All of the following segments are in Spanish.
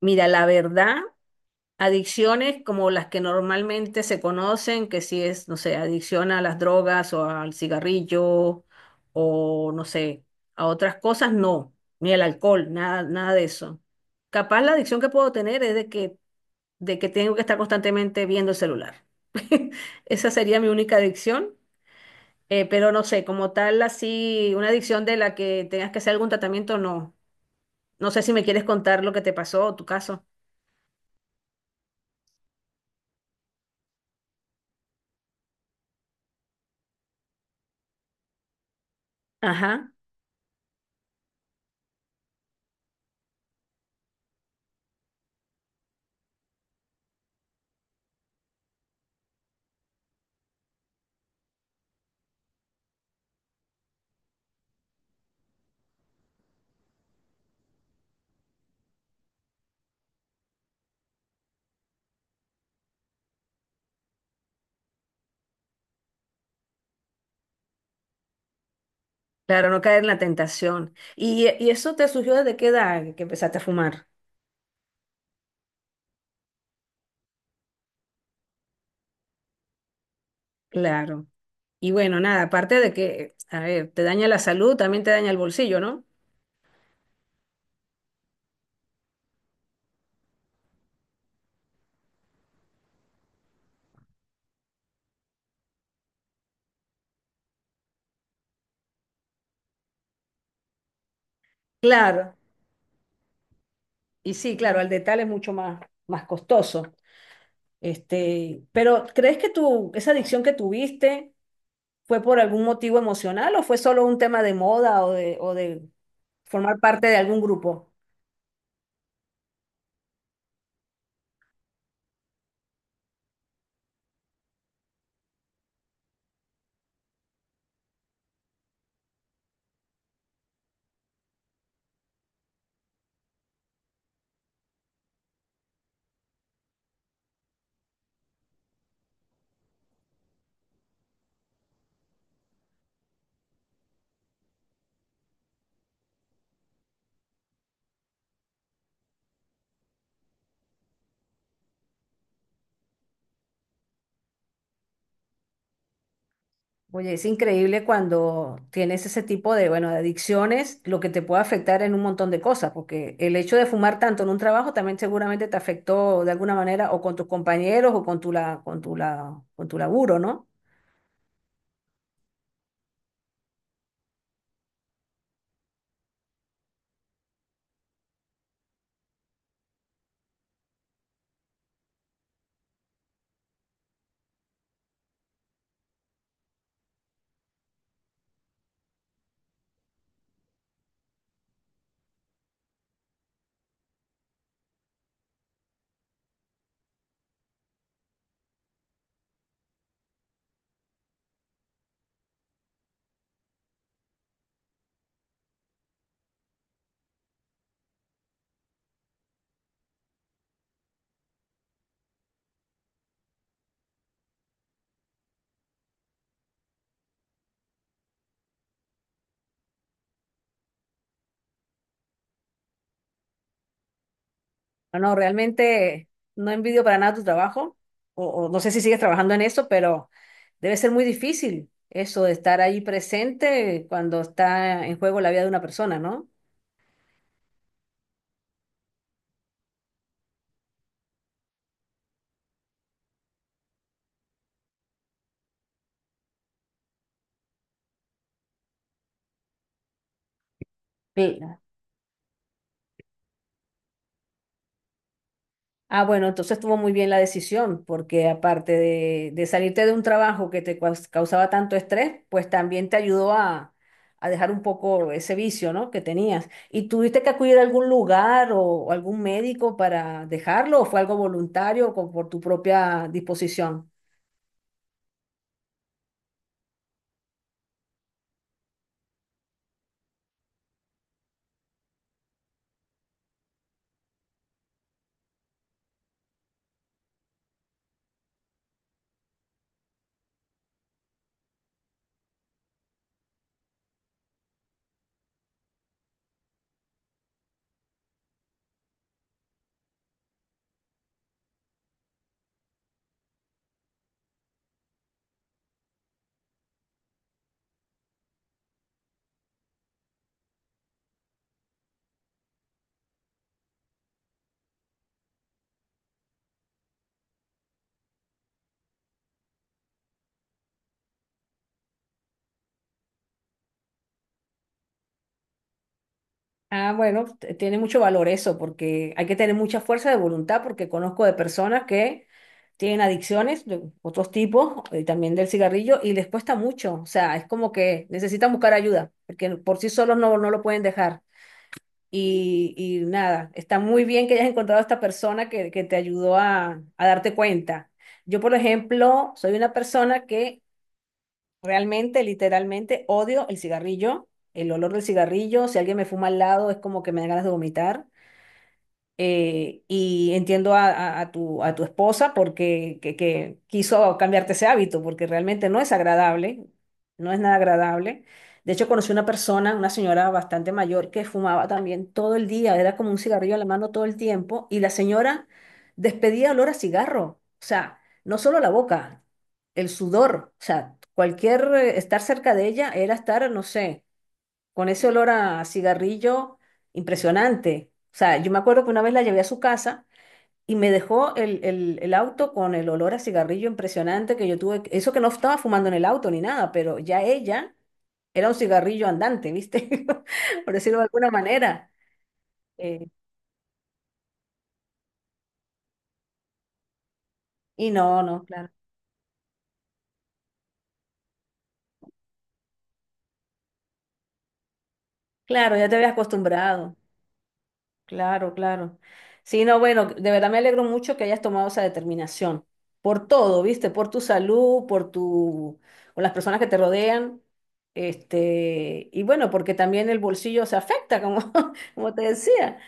Mira, la verdad, adicciones como las que normalmente se conocen, que si es, no sé, adicción a las drogas o al cigarrillo o no sé, a otras cosas, no, ni el alcohol, nada, nada de eso. Capaz la adicción que puedo tener es de que tengo que estar constantemente viendo el celular. Esa sería mi única adicción, pero no sé, como tal, así, una adicción de la que tengas que hacer algún tratamiento, no. No sé si me quieres contar lo que te pasó o tu caso. Ajá. Claro, no caer en la tentación. ¿Y eso te surgió desde qué edad que empezaste a fumar? Claro. Y bueno, nada, aparte de que, a ver, te daña la salud, también te daña el bolsillo, ¿no? Claro. Y sí, claro, al detalle es mucho más, más costoso. Este, pero ¿crees que tu, esa adicción que tuviste fue por algún motivo emocional o fue solo un tema de moda o de formar parte de algún grupo? Oye, es increíble cuando tienes ese tipo de, bueno, de adicciones, lo que te puede afectar en un montón de cosas, porque el hecho de fumar tanto en un trabajo también seguramente te afectó de alguna manera o con tus compañeros o con tu laburo, ¿no? No, no, realmente no envidio para nada tu trabajo, o no sé si sigues trabajando en eso, pero debe ser muy difícil eso de estar ahí presente cuando está en juego la vida de una persona, ¿no? Sí. Ah, bueno, entonces estuvo muy bien la decisión, porque aparte de salirte de un trabajo que te causaba tanto estrés, pues también te ayudó a dejar un poco ese vicio, ¿no? que tenías. ¿Y tuviste que acudir a algún lugar o algún médico para dejarlo o fue algo voluntario o por tu propia disposición? Ah, bueno, tiene mucho valor eso, porque hay que tener mucha fuerza de voluntad, porque conozco de personas que tienen adicciones de otros tipos, también del cigarrillo, y les cuesta mucho. O sea, es como que necesitan buscar ayuda, porque por sí solos no, no lo pueden dejar. Y nada, está muy bien que hayas encontrado a esta persona que te ayudó a darte cuenta. Yo, por ejemplo, soy una persona que realmente, literalmente, odio el cigarrillo, el olor del cigarrillo. Si alguien me fuma al lado, es como que me dan ganas de vomitar y entiendo a, a tu esposa porque que quiso cambiarte ese hábito, porque realmente no es agradable, no es nada agradable. De hecho, conocí una persona, una señora bastante mayor, que fumaba también todo el día, era como un cigarrillo en la mano todo el tiempo, y la señora despedía olor a cigarro, o sea, no solo la boca, el sudor, o sea, cualquier estar cerca de ella era estar, no sé, con ese olor a cigarrillo impresionante. O sea, yo me acuerdo que una vez la llevé a su casa y me dejó el auto con el olor a cigarrillo impresionante que yo tuve. Eso que no estaba fumando en el auto ni nada, pero ya ella era un cigarrillo andante, ¿viste? Por decirlo de alguna manera. Eh, y no, no, claro. Claro, ya te habías acostumbrado. Claro, claro. Sí, no, bueno, de verdad me alegro mucho que hayas tomado esa determinación. Por todo, ¿viste? Por tu salud, por tu, por las personas que te rodean. Este, y bueno, porque también el bolsillo se afecta, como, como te decía.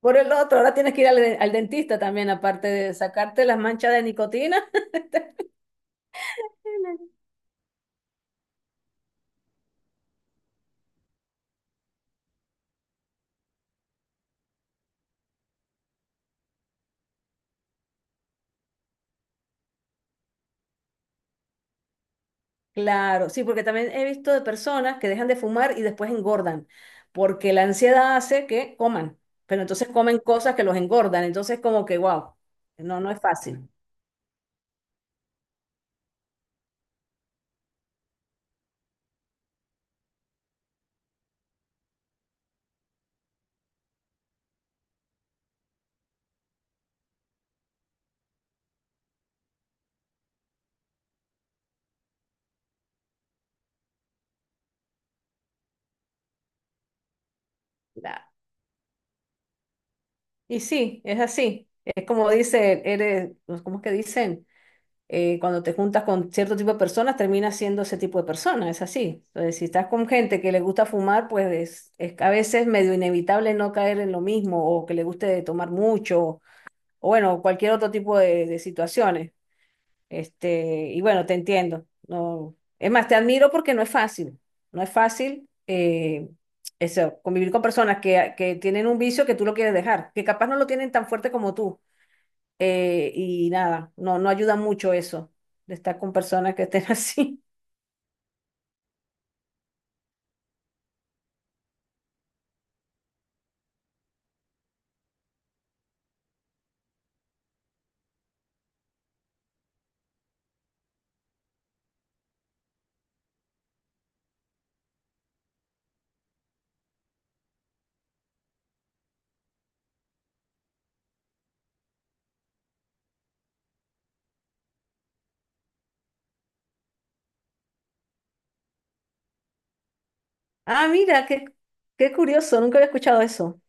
Por el otro, ahora tienes que ir al, al dentista también, aparte de sacarte las manchas de nicotina. Claro, sí, porque también he visto de personas que dejan de fumar y después engordan, porque la ansiedad hace que coman, pero entonces comen cosas que los engordan, entonces como que, wow, no, no es fácil. Claro. Y sí, es así, es como dice, eres, ¿cómo es que dicen? Cuando te juntas con cierto tipo de personas, terminas siendo ese tipo de persona, es así. Entonces, si estás con gente que le gusta fumar, pues es a veces medio inevitable no caer en lo mismo o que le guste tomar mucho o bueno, cualquier otro tipo de situaciones. Este, y bueno, te entiendo. No, es más, te admiro porque no es fácil. No es fácil eso, convivir con personas que tienen un vicio que tú lo quieres dejar, que capaz no lo tienen tan fuerte como tú. Y nada, no, no ayuda mucho eso, de estar con personas que estén así. Ah, mira, qué, qué curioso, nunca había escuchado eso.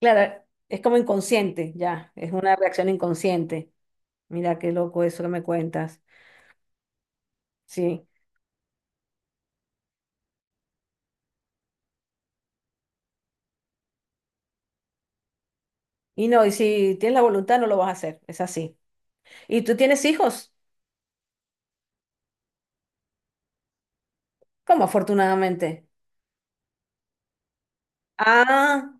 Claro, es como inconsciente, ya, es una reacción inconsciente. Mira qué loco eso que me cuentas. Sí. Y no, y si tienes la voluntad no lo vas a hacer, es así. ¿Y tú tienes hijos? ¿Cómo afortunadamente? Ah,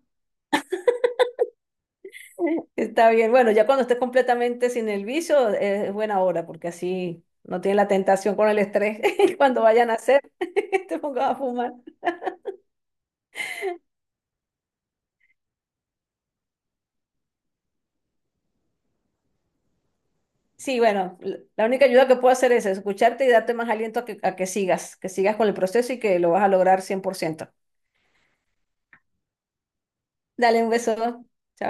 está bien. Bueno, ya cuando estés completamente sin el vicio es buena hora porque así no tienes la tentación con el estrés cuando vayan a hacer, te pongas a fumar. Sí, bueno, la única ayuda que puedo hacer es escucharte y darte más aliento a que sigas con el proceso y que lo vas a lograr 100%. Dale un beso. Chao.